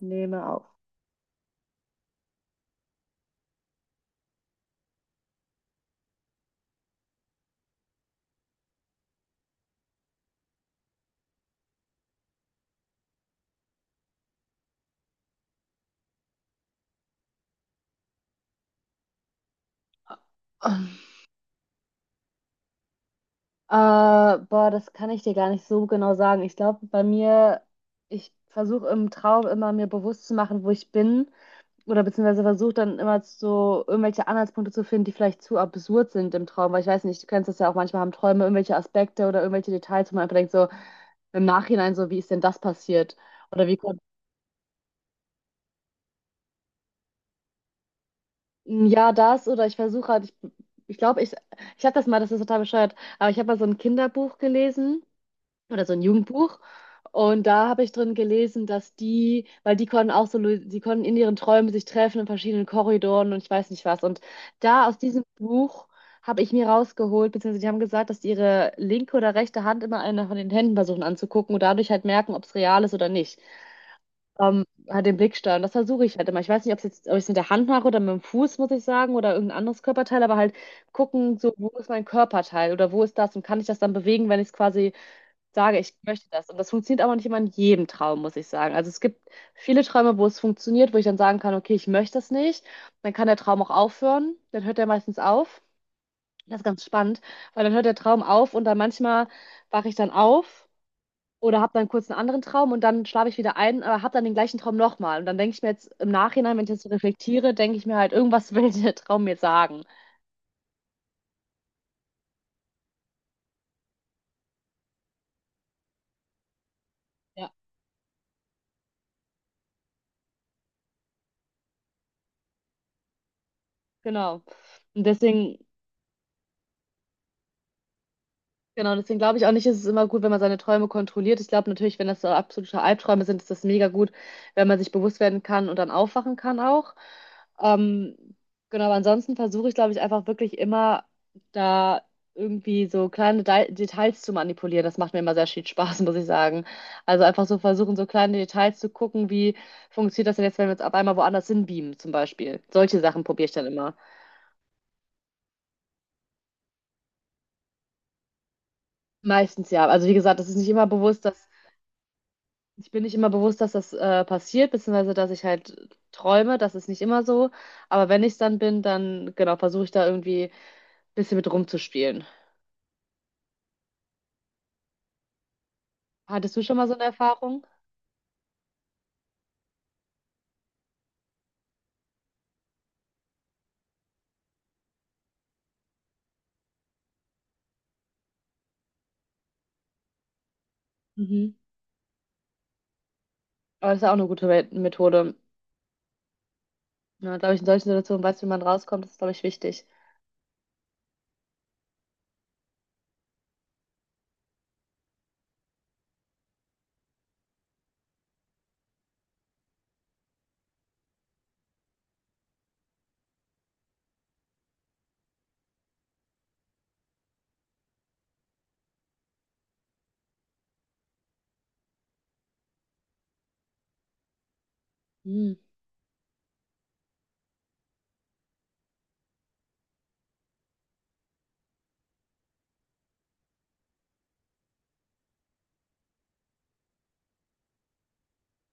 Nehme auf. Äh, boah, das kann ich dir gar nicht so genau sagen. Ich glaube, bei mir, ich versuche im Traum immer mir bewusst zu machen, wo ich bin. Oder beziehungsweise versuche dann immer so irgendwelche Anhaltspunkte zu finden, die vielleicht zu absurd sind im Traum. Weil ich weiß nicht, du kennst das ja auch manchmal, haben Träume irgendwelche Aspekte oder irgendwelche Details, wo man einfach denkt, so im Nachhinein, so wie ist denn das passiert? Oder wie kommt, "Hm, ja, das? Oder ich versuche halt, ich glaube, ich habe das mal, das ist total bescheuert, aber ich habe mal so ein Kinderbuch gelesen oder so ein Jugendbuch. Und da habe ich drin gelesen, dass die, weil die konnten auch so, die konnten in ihren Träumen sich treffen in verschiedenen Korridoren und ich weiß nicht was. Und da aus diesem Buch habe ich mir rausgeholt, beziehungsweise die haben gesagt, dass die ihre linke oder rechte Hand immer eine von den Händen versuchen anzugucken und dadurch halt merken, ob es real ist oder nicht. Halt den Blicksteuern. Das versuche ich halt immer. Ich weiß nicht, ob es jetzt, ob ich es mit der Hand mache oder mit dem Fuß, muss ich sagen, oder irgendein anderes Körperteil, aber halt gucken, so, wo ist mein Körperteil oder wo ist das und kann ich das dann bewegen, wenn ich es quasi sage, ich möchte das. Und das funktioniert aber nicht immer in jedem Traum, muss ich sagen. Also es gibt viele Träume, wo es funktioniert, wo ich dann sagen kann, okay, ich möchte das nicht. Dann kann der Traum auch aufhören. Dann hört er meistens auf. Das ist ganz spannend, weil dann hört der Traum auf und dann manchmal wache ich dann auf oder habe dann kurz einen anderen Traum und dann schlafe ich wieder ein, aber habe dann den gleichen Traum nochmal. Und dann denke ich mir jetzt im Nachhinein, wenn ich jetzt so reflektiere, denke ich mir halt, irgendwas will der Traum mir sagen. Ja, genau. Und deswegen Genau, deswegen glaube ich auch nicht, ist es ist immer gut, wenn man seine Träume kontrolliert. Ich glaube natürlich, wenn das so absolute Albträume sind, ist das mega gut, wenn man sich bewusst werden kann und dann aufwachen kann auch. Ähm, genau, aber ansonsten versuche ich, glaube ich, einfach wirklich immer da irgendwie so kleine De Details zu manipulieren. Das macht mir immer sehr viel Spaß, muss ich sagen. Also einfach so versuchen, so kleine Details zu gucken, wie funktioniert das denn jetzt, wenn wir uns auf einmal woanders hinbeamen, zum Beispiel. Solche Sachen probiere ich dann immer. Meistens ja. Also wie gesagt, das ist nicht immer bewusst, dass ich bin nicht immer bewusst, dass das passiert, beziehungsweise dass ich halt träume. Das ist nicht immer so. Aber wenn ich es dann bin, dann genau, versuche ich da irgendwie ein bisschen mit rumzuspielen. Hattest du schon mal so eine Erfahrung? Mhm. Aber das ist ja auch eine gute Methode. Ja, glaube ich, in solchen Situationen weiß, wie man rauskommt, das ist, glaube ich, wichtig. Mhm.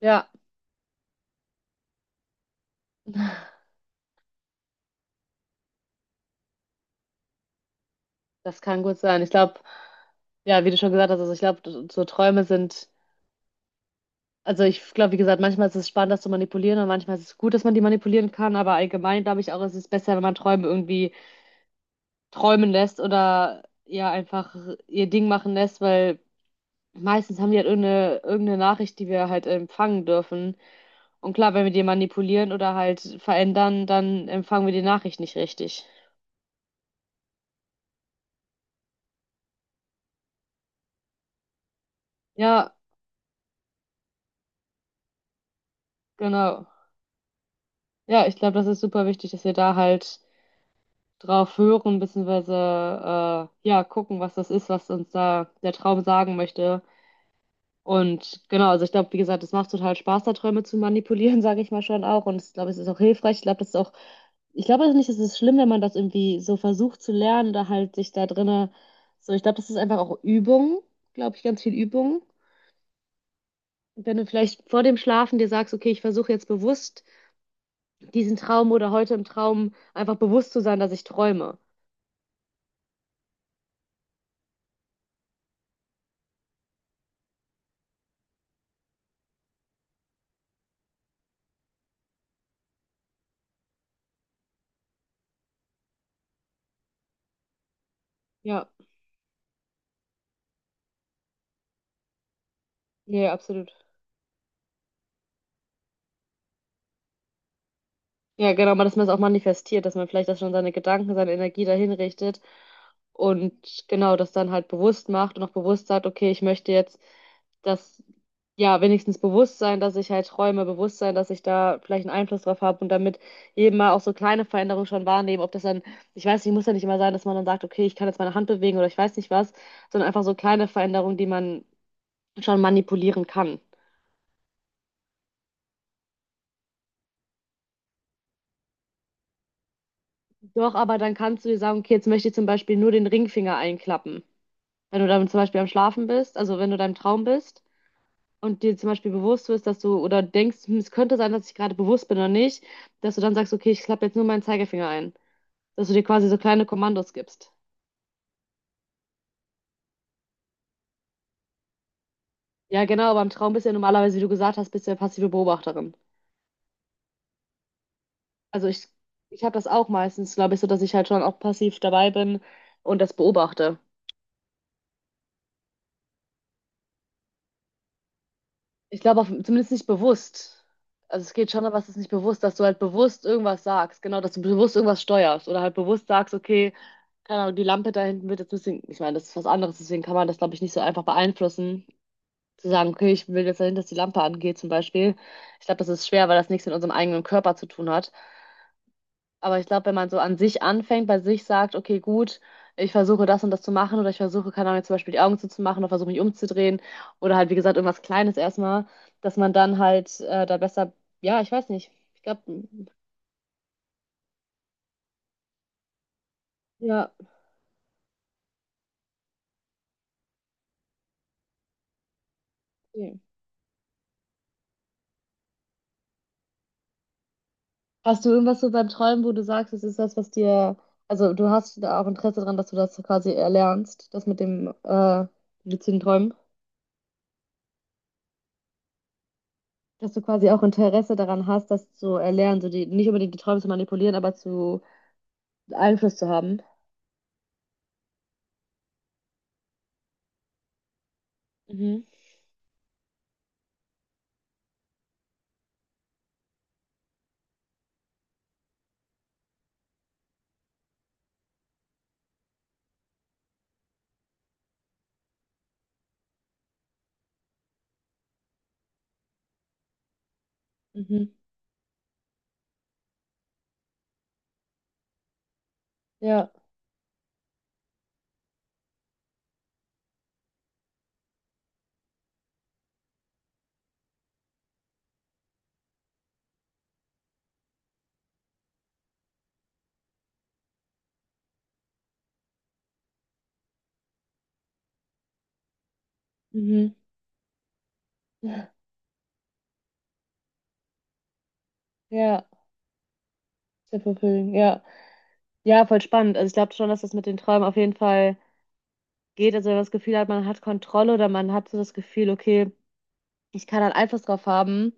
Ja, das kann gut sein. Ich glaube, ja, wie du schon gesagt hast, also ich glaube, so Träume sind, also ich glaube, wie gesagt, manchmal ist es spannend, das zu manipulieren und manchmal ist es gut, dass man die manipulieren kann, aber allgemein glaube ich auch, es ist besser, wenn man Träume irgendwie träumen lässt oder ja einfach ihr Ding machen lässt, weil meistens haben die halt irgendeine Nachricht, die wir halt empfangen dürfen. Und klar, wenn wir die manipulieren oder halt verändern, dann empfangen wir die Nachricht nicht richtig. Ja, genau. Ja, ich glaube, das ist super wichtig, dass wir da halt drauf hören, beziehungsweise ja, gucken, was das ist, was uns da der Traum sagen möchte. Und genau, also ich glaube, wie gesagt, es macht total Spaß, da Träume zu manipulieren, sage ich mal schon auch. Und ich glaube, es ist auch hilfreich. Ich glaube, das ist auch, ich glaube auch nicht, es ist schlimm, wenn man das irgendwie so versucht zu lernen, da halt sich da drinne, so, ich glaube, das ist einfach auch Übung, glaube ich, ganz viel Übung. Wenn du vielleicht vor dem Schlafen dir sagst, okay, ich versuche jetzt bewusst diesen Traum oder heute im Traum einfach bewusst zu sein, dass ich träume. Ja, nee, absolut. Ja, genau, aber dass man es auch manifestiert, dass man vielleicht das schon seine Gedanken, seine Energie dahin richtet und genau das dann halt bewusst macht und auch bewusst sagt, okay, ich möchte jetzt das, ja, wenigstens bewusst sein, dass ich halt träume, bewusst sein, dass ich da vielleicht einen Einfluss drauf habe und damit eben mal auch so kleine Veränderungen schon wahrnehmen, ob das dann, ich weiß nicht, muss ja nicht immer sein, dass man dann sagt, okay, ich kann jetzt meine Hand bewegen oder ich weiß nicht was, sondern einfach so kleine Veränderungen, die man schon manipulieren kann. Doch, aber dann kannst du dir sagen, okay, jetzt möchte ich zum Beispiel nur den Ringfinger einklappen. Wenn du dann zum Beispiel am Schlafen bist, also wenn du deinem Traum bist und dir zum Beispiel bewusst wirst, dass du oder denkst, hm, es könnte sein, dass ich gerade bewusst bin oder nicht, dass du dann sagst, okay, ich klappe jetzt nur meinen Zeigefinger ein. Dass du dir quasi so kleine Kommandos gibst. Ja, genau, aber im Traum bist du ja normalerweise, wie du gesagt hast, bist du ja passive Beobachterin. Also ich habe das auch meistens, glaube ich, so, dass ich halt schon auch passiv dabei bin und das beobachte. Ich glaube auch zumindest nicht bewusst. Also es geht schon, aber es ist nicht bewusst, dass du halt bewusst irgendwas sagst. Genau, dass du bewusst irgendwas steuerst oder halt bewusst sagst, okay, keine Ahnung, die Lampe da hinten wird jetzt ein bisschen, ich meine, das ist was anderes, deswegen kann man das, glaube ich, nicht so einfach beeinflussen. Zu sagen, okay, ich will jetzt dahin, dass die Lampe angeht, zum Beispiel. Ich glaube, das ist schwer, weil das nichts mit unserem eigenen Körper zu tun hat. Aber ich glaube, wenn man so an sich anfängt, bei sich sagt, okay, gut, ich versuche das und das zu machen oder ich versuche, keine Ahnung, jetzt zum Beispiel die Augen zuzumachen oder versuche mich umzudrehen oder halt, wie gesagt, irgendwas Kleines erstmal, dass man dann halt da besser, ja, ich weiß nicht. Ich glaube, ja. Okay. Hast du irgendwas so beim Träumen, wo du sagst, es ist das, was dir, also du hast da auch Interesse dran, dass du das quasi erlernst, das mit dem luziden Träumen, dass du quasi auch Interesse daran hast, das zu erlernen, so die, nicht unbedingt die Träume zu manipulieren, aber zu Einfluss zu haben. Mhm. Mhm. Ja. Mhm. Ja. Sehr fulfilling. Ja. Ja, voll spannend. Also ich glaube schon, dass das mit den Träumen auf jeden Fall geht. Also wenn man das Gefühl hat, man hat Kontrolle oder man hat so das Gefühl, okay, ich kann da einen Einfluss drauf haben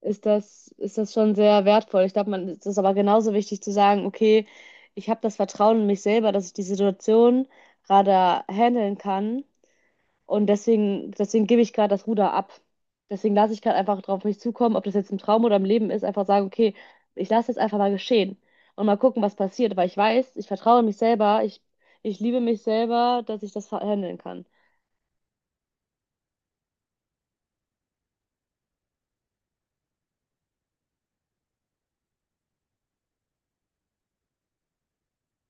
ist das schon sehr wertvoll. Ich glaube, man es ist aber genauso wichtig zu sagen, okay, ich habe das Vertrauen in mich selber, dass ich die Situation gerade handeln kann und deswegen, deswegen gebe ich gerade das Ruder ab. Deswegen lasse ich gerade einfach drauf mich zukommen, ob das jetzt im Traum oder im Leben ist, einfach sagen, okay, ich lasse jetzt einfach mal geschehen und mal gucken, was passiert, weil ich weiß, ich vertraue in mich selber, ich liebe mich selber, dass ich das handeln kann.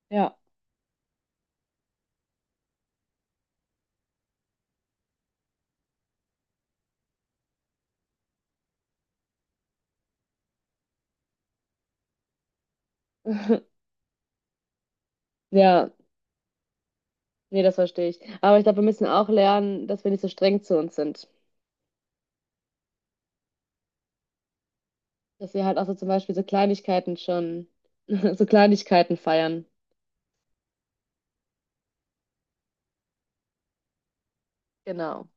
Ja, ja, nee, das verstehe ich. Aber ich glaube, wir müssen auch lernen, dass wir nicht so streng zu uns sind. Dass wir halt auch so zum Beispiel so Kleinigkeiten schon, so Kleinigkeiten feiern. Genau.